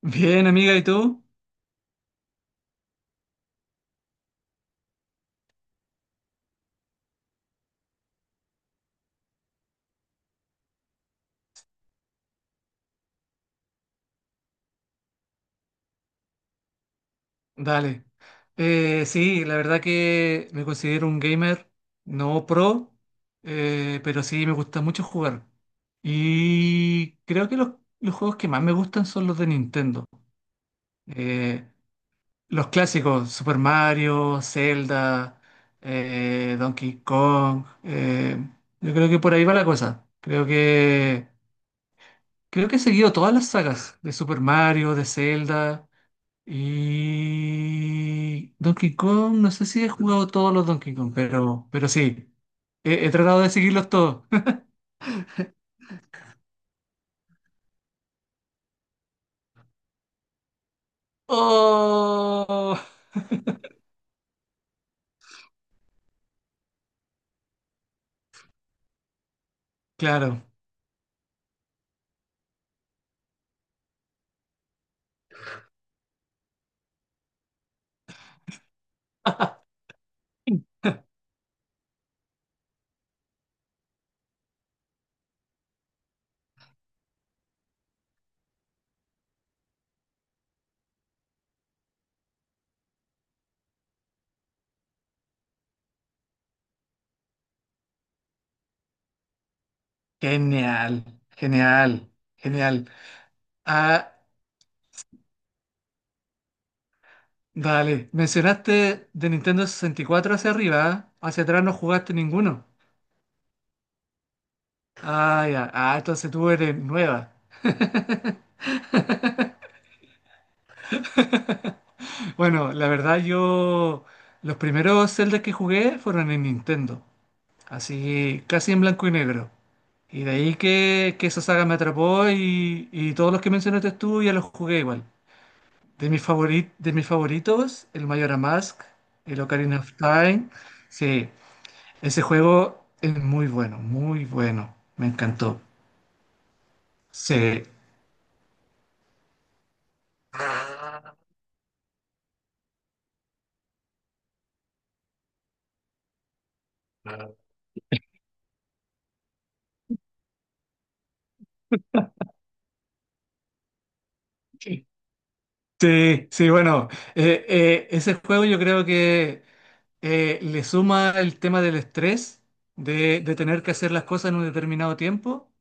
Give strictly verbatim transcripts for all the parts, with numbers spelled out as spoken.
Bien, amiga, ¿y tú? Dale. Eh, sí, la verdad que me considero un gamer no pro, eh, pero sí me gusta mucho jugar. Y creo que los, los juegos que más me gustan son los de Nintendo. Eh, los clásicos, Super Mario, Zelda, eh, Donkey Kong. Eh, yo creo que por ahí va la cosa. Creo que, creo que he seguido todas las sagas de Super Mario, de Zelda. Y Donkey Kong, no sé si he jugado todos los Donkey Kong, pero, pero sí, he, he tratado de seguirlos todos. ¡Oh! Claro. Genial, genial, genial. Ah, dale, mencionaste de Nintendo sesenta y cuatro hacia arriba, ¿eh? Hacia atrás no jugaste ninguno. Ah, ya, ah, entonces tú eres nueva. Bueno, la verdad yo, los primeros Zelda que jugué fueron en Nintendo. Así casi en blanco y negro. Y de ahí que, que esa saga me atrapó y, y todos los que mencionaste tú ya los jugué igual. De mis favori- de mis favoritos, el Majora's Mask, el Ocarina of Time. Sí, ese juego es muy bueno, muy bueno. Me encantó. Sí. Sí, sí, bueno, eh, eh, ese juego yo creo que eh, le suma el tema del estrés, de, de tener que hacer las cosas en un determinado tiempo.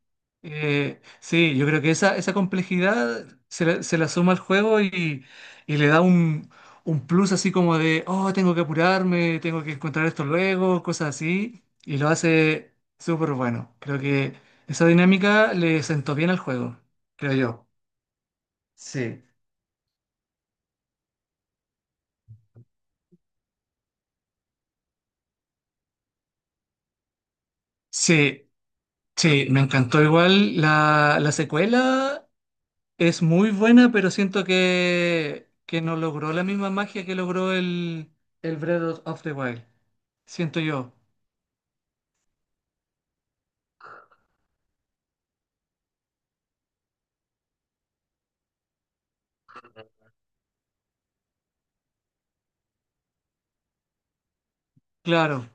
Eh, sí, yo creo que esa, esa complejidad se la, se la suma al juego y, y le da un, un plus así como de, oh, tengo que apurarme, tengo que encontrar esto luego, cosas así, y lo hace súper bueno. Creo que esa dinámica le sentó bien al juego, creo yo. Sí. Sí, sí, me encantó igual. La, la secuela es muy buena, pero siento que, que no logró la misma magia que logró el, el Breath of the Wild. Siento yo. Claro,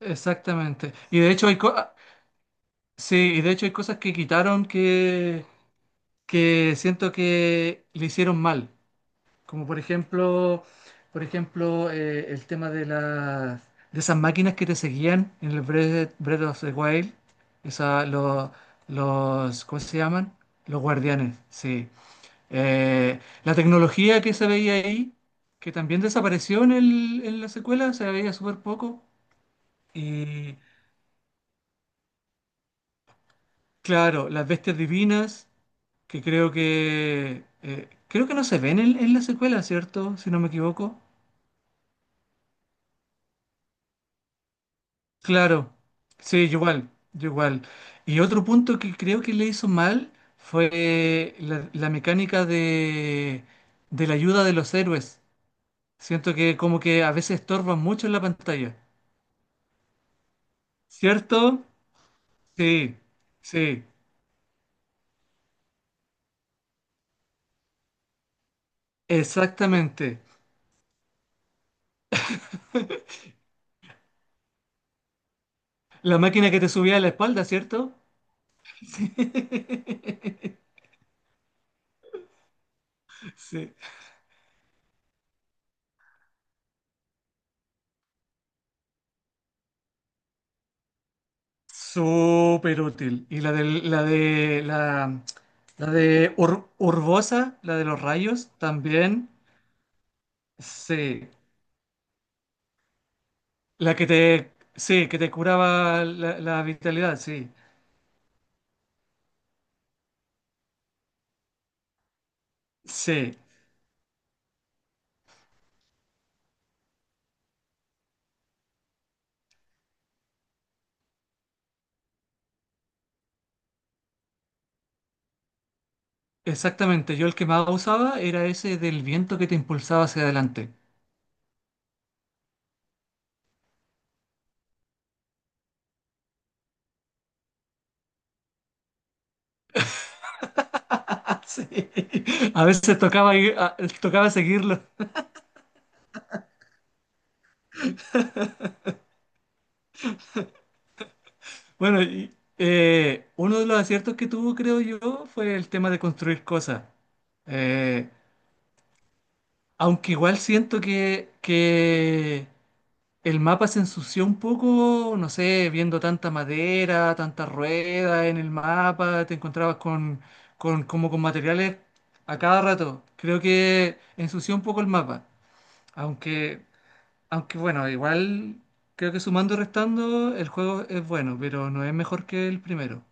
exactamente. Y de hecho hay co- ah, Sí, y de hecho hay cosas que quitaron que, que siento que le hicieron mal. Como por ejemplo, por ejemplo, eh, el tema de las de esas máquinas que te seguían en el Breath, Breath of the Wild, esa, lo- los, ¿cómo se llaman? Los guardianes, sí. Eh, la tecnología que se veía ahí, que también desapareció en el- en la secuela, se veía súper poco. Y claro, las bestias divinas, que creo que eh, creo que no se ven en, en la secuela, ¿cierto? Si no me equivoco. Claro, sí, yo igual, yo igual. Y otro punto que creo que le hizo mal fue la, la mecánica de, de la ayuda de los héroes. Siento que como que a veces estorban mucho en la pantalla. ¿Cierto? Sí, sí, exactamente. La máquina que te subía a la espalda, ¿cierto? Sí. Súper útil. Y la de la de la, la de Ur- Urbosa, la de los rayos, también. Sí, la que te, sí, que te curaba la, la vitalidad, sí, sí, exactamente. Yo el que más usaba era ese del viento que te impulsaba hacia adelante. Ah, sí, a veces tocaba, ir- a- tocaba seguirlo. Bueno, y, eh, uno de los aciertos que tuvo, creo yo, fue el tema de construir cosas. Eh, Aunque igual siento que, que el mapa se ensució un poco, no sé, viendo tanta madera, tanta rueda en el mapa, te encontrabas con, con, como con materiales a cada rato. Creo que ensució un poco el mapa. Aunque, Aunque bueno, igual creo que sumando y restando el juego es bueno, pero no es mejor que el primero.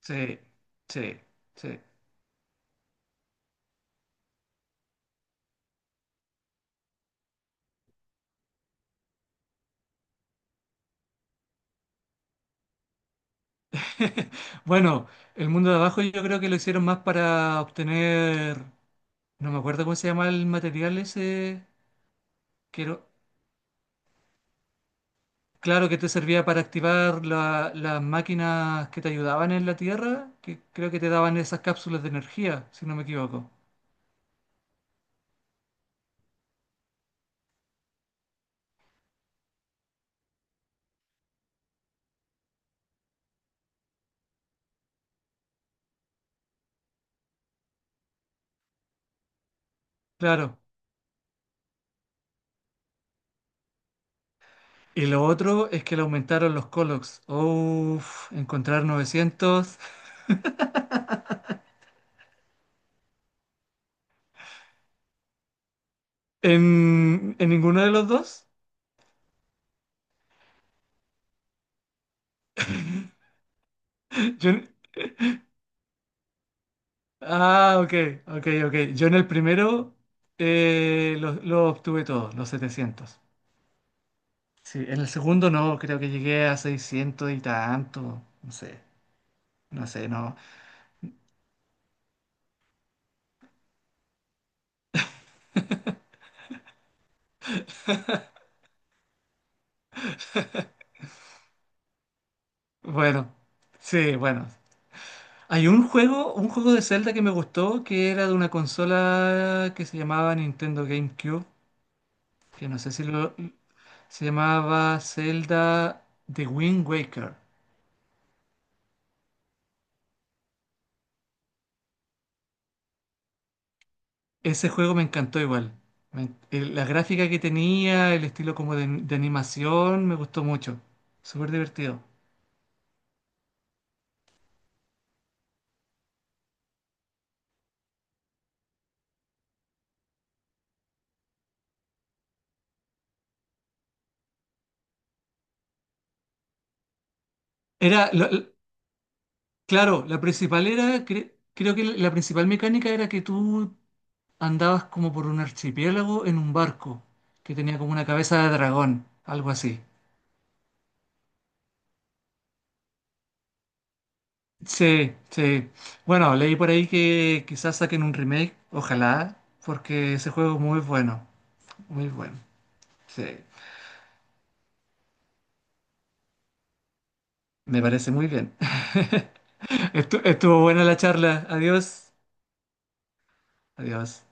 Sí, sí, sí. Bueno, el mundo de abajo yo creo que lo hicieron más para obtener, no me acuerdo cómo se llama el material ese, quiero claro que te servía para activar la- las máquinas que te ayudaban en la Tierra, que creo que te daban esas cápsulas de energía, si no me equivoco. Claro. Y lo otro es que le aumentaron los Colox. Uf, encontrar novecientos en, en ninguno de los dos. Yo en- ah, ok, ok, ok. Yo en el primero eh, lo, lo obtuve todo, los setecientos. Sí, en el segundo no, creo que llegué a seiscientos y tanto. No sé, no sé, no. Bueno, sí, bueno. Hay un juego, un juego de Zelda que me gustó, que era de una consola que se llamaba Nintendo GameCube, que no sé si lo... Se llamaba Zelda The Wind Waker. Ese juego me encantó igual. Me- el- la gráfica que tenía, el estilo como de, de animación, me gustó mucho. Súper divertido. Era, lo- lo- claro, la principal era, cre- Creo que la principal mecánica era que tú andabas como por un archipiélago en un barco que tenía como una cabeza de dragón, algo así. Sí, sí. Bueno, leí por ahí que quizás saquen un remake, ojalá, porque ese juego es muy bueno, muy bueno. Sí, me parece muy bien. Estu- estuvo buena la charla. Adiós, adiós.